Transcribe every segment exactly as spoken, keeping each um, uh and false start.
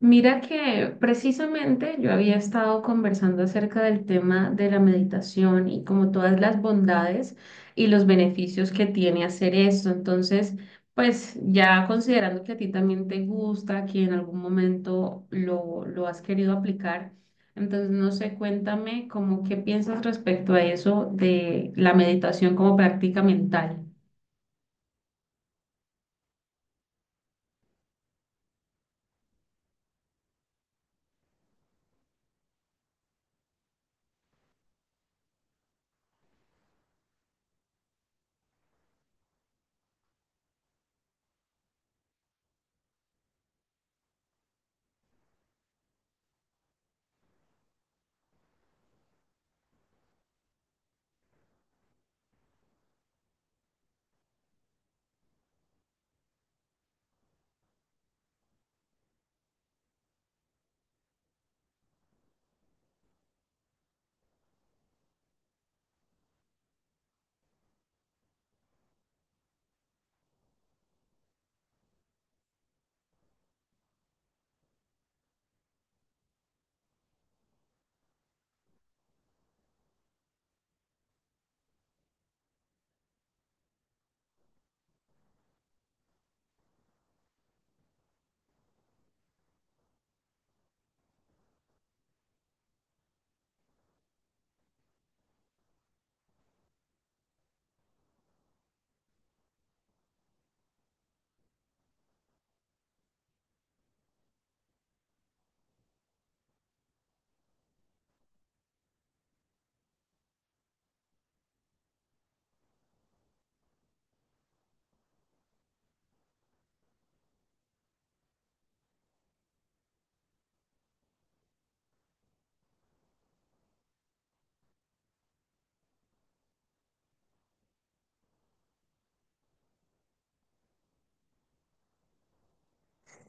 Mira que precisamente yo había estado conversando acerca del tema de la meditación y como todas las bondades y los beneficios que tiene hacer esto. Entonces, pues ya considerando que a ti también te gusta, que en algún momento lo, lo has querido aplicar, entonces no sé, cuéntame como qué piensas respecto a eso de la meditación como práctica mental.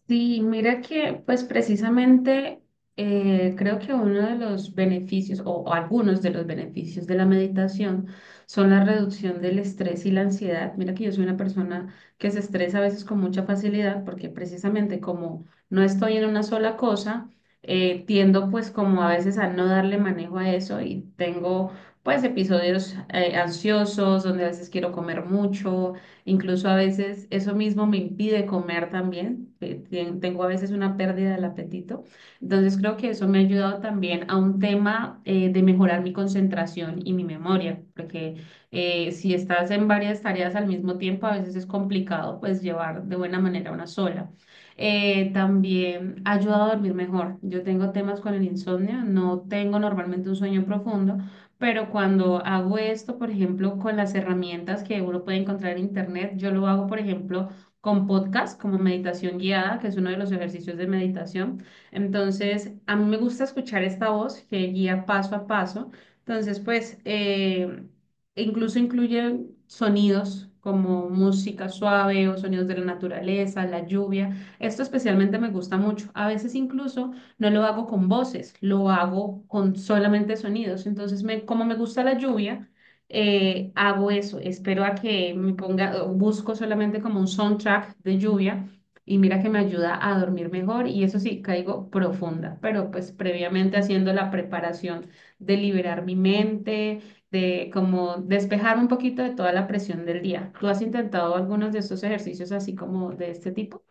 Sí, mira que pues precisamente eh, creo que uno de los beneficios o, o algunos de los beneficios de la meditación son la reducción del estrés y la ansiedad. Mira que yo soy una persona que se estresa a veces con mucha facilidad porque precisamente como no estoy en una sola cosa, eh, tiendo pues como a veces a no darle manejo a eso y tengo pues episodios eh, ansiosos donde a veces quiero comer mucho. Incluso a veces eso mismo me impide comer también. eh, ten- Tengo a veces una pérdida del apetito. Entonces creo que eso me ha ayudado también a un tema eh, de mejorar mi concentración y mi memoria, porque eh, si estás en varias tareas al mismo tiempo, a veces es complicado pues llevar de buena manera una sola. Eh, también ha ayudado a dormir mejor. Yo tengo temas con el insomnio, no tengo normalmente un sueño profundo. Pero cuando hago esto, por ejemplo, con las herramientas que uno puede encontrar en internet, yo lo hago, por ejemplo, con podcast, como meditación guiada, que es uno de los ejercicios de meditación. Entonces, a mí me gusta escuchar esta voz que guía paso a paso. Entonces, pues, eh, incluso incluye sonidos como música suave o sonidos de la naturaleza, la lluvia. Esto especialmente me gusta mucho. A veces incluso no lo hago con voces, lo hago con solamente sonidos. Entonces, me, como me gusta la lluvia, eh, hago eso. Espero a que me ponga, busco solamente como un soundtrack de lluvia y mira que me ayuda a dormir mejor y eso sí, caigo profunda, pero pues previamente haciendo la preparación de liberar mi mente, de como despejarme un poquito de toda la presión del día. ¿Tú has intentado algunos de estos ejercicios así como de este tipo?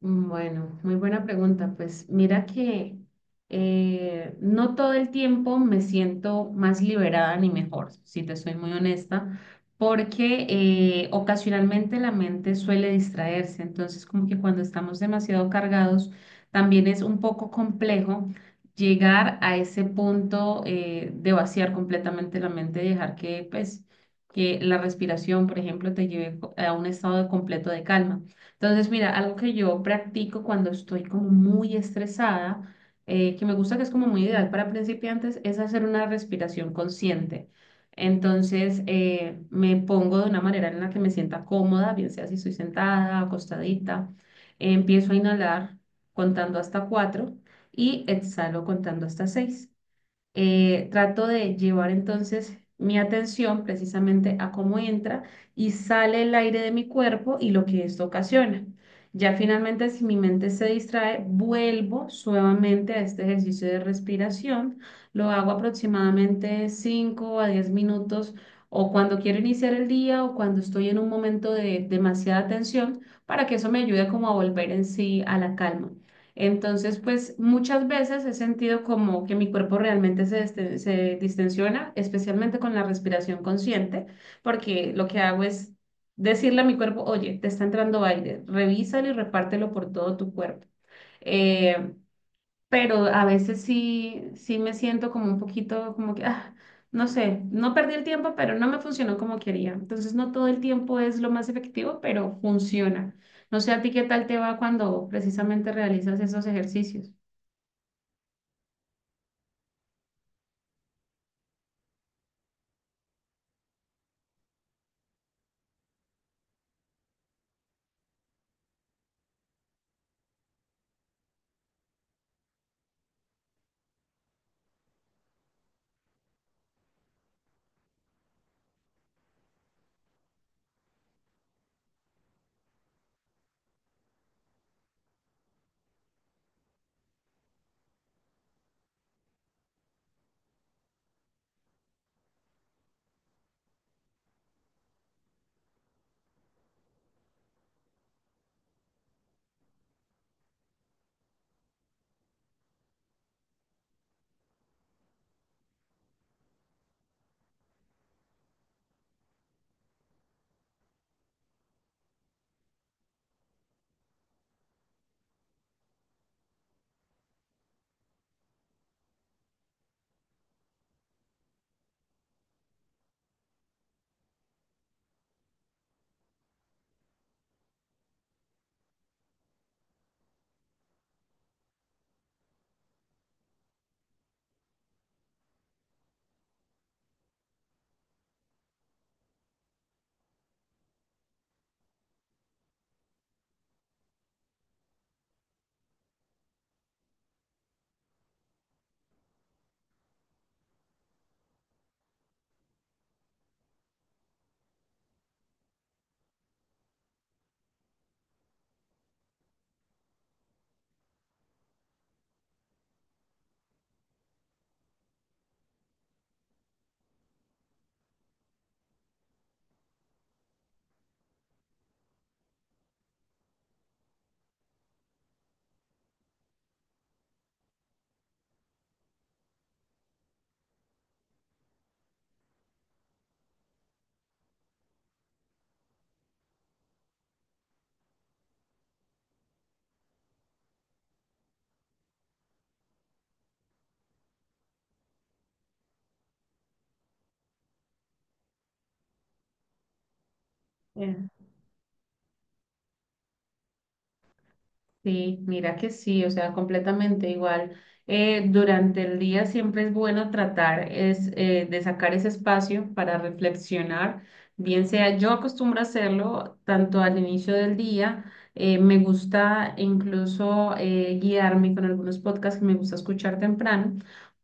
Mm, bueno, muy buena pregunta. Pues mira que eh, no todo el tiempo me siento más liberada ni mejor, si te soy muy honesta, porque eh, ocasionalmente la mente suele distraerse. Entonces, como que cuando estamos demasiado cargados, también es un poco complejo llegar a ese punto eh, de vaciar completamente la mente y dejar que, pues, que la respiración, por ejemplo, te lleve a un estado de completo de calma. Entonces, mira, algo que yo practico cuando estoy como muy estresada, eh, que me gusta que es como muy ideal para principiantes, es hacer una respiración consciente. Entonces, eh, me pongo de una manera en la que me sienta cómoda, bien sea si estoy sentada, acostadita. Empiezo a inhalar contando hasta cuatro y exhalo contando hasta seis. Eh, trato de llevar entonces mi atención precisamente a cómo entra y sale el aire de mi cuerpo y lo que esto ocasiona. Ya finalmente, si mi mente se distrae, vuelvo suavemente a este ejercicio de respiración. Lo hago aproximadamente cinco a diez minutos o cuando quiero iniciar el día o cuando estoy en un momento de demasiada tensión para que eso me ayude como a volver en sí a la calma. Entonces, pues muchas veces he sentido como que mi cuerpo realmente se, deste- se distensiona, especialmente con la respiración consciente, porque lo que hago es decirle a mi cuerpo, oye, te está entrando aire, revísalo y repártelo por todo tu cuerpo. Eh, pero a veces sí, sí me siento como un poquito como que, ah, no sé, no perdí el tiempo, pero no me funcionó como quería. Entonces, no todo el tiempo es lo más efectivo, pero funciona. No sé a ti qué tal te va cuando precisamente realizas esos ejercicios. Sí, mira que sí, o sea, completamente igual. Eh, durante el día siempre es bueno tratar es, eh, de sacar ese espacio para reflexionar, bien sea yo acostumbro a hacerlo tanto al inicio del día, eh, me gusta incluso eh, guiarme con algunos podcasts que me gusta escuchar temprano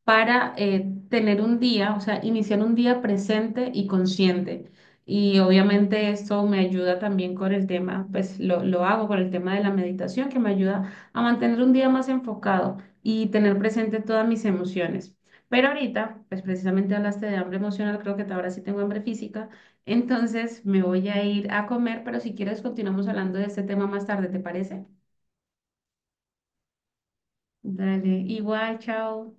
para eh, tener un día, o sea, iniciar un día presente y consciente. Y obviamente eso me ayuda también con el tema, pues lo, lo hago con el tema de la meditación, que me ayuda a mantener un día más enfocado y tener presente todas mis emociones. Pero ahorita, pues precisamente hablaste de hambre emocional, creo que ahora sí tengo hambre física, entonces me voy a ir a comer, pero si quieres continuamos hablando de este tema más tarde, ¿te parece? Dale, igual, chao.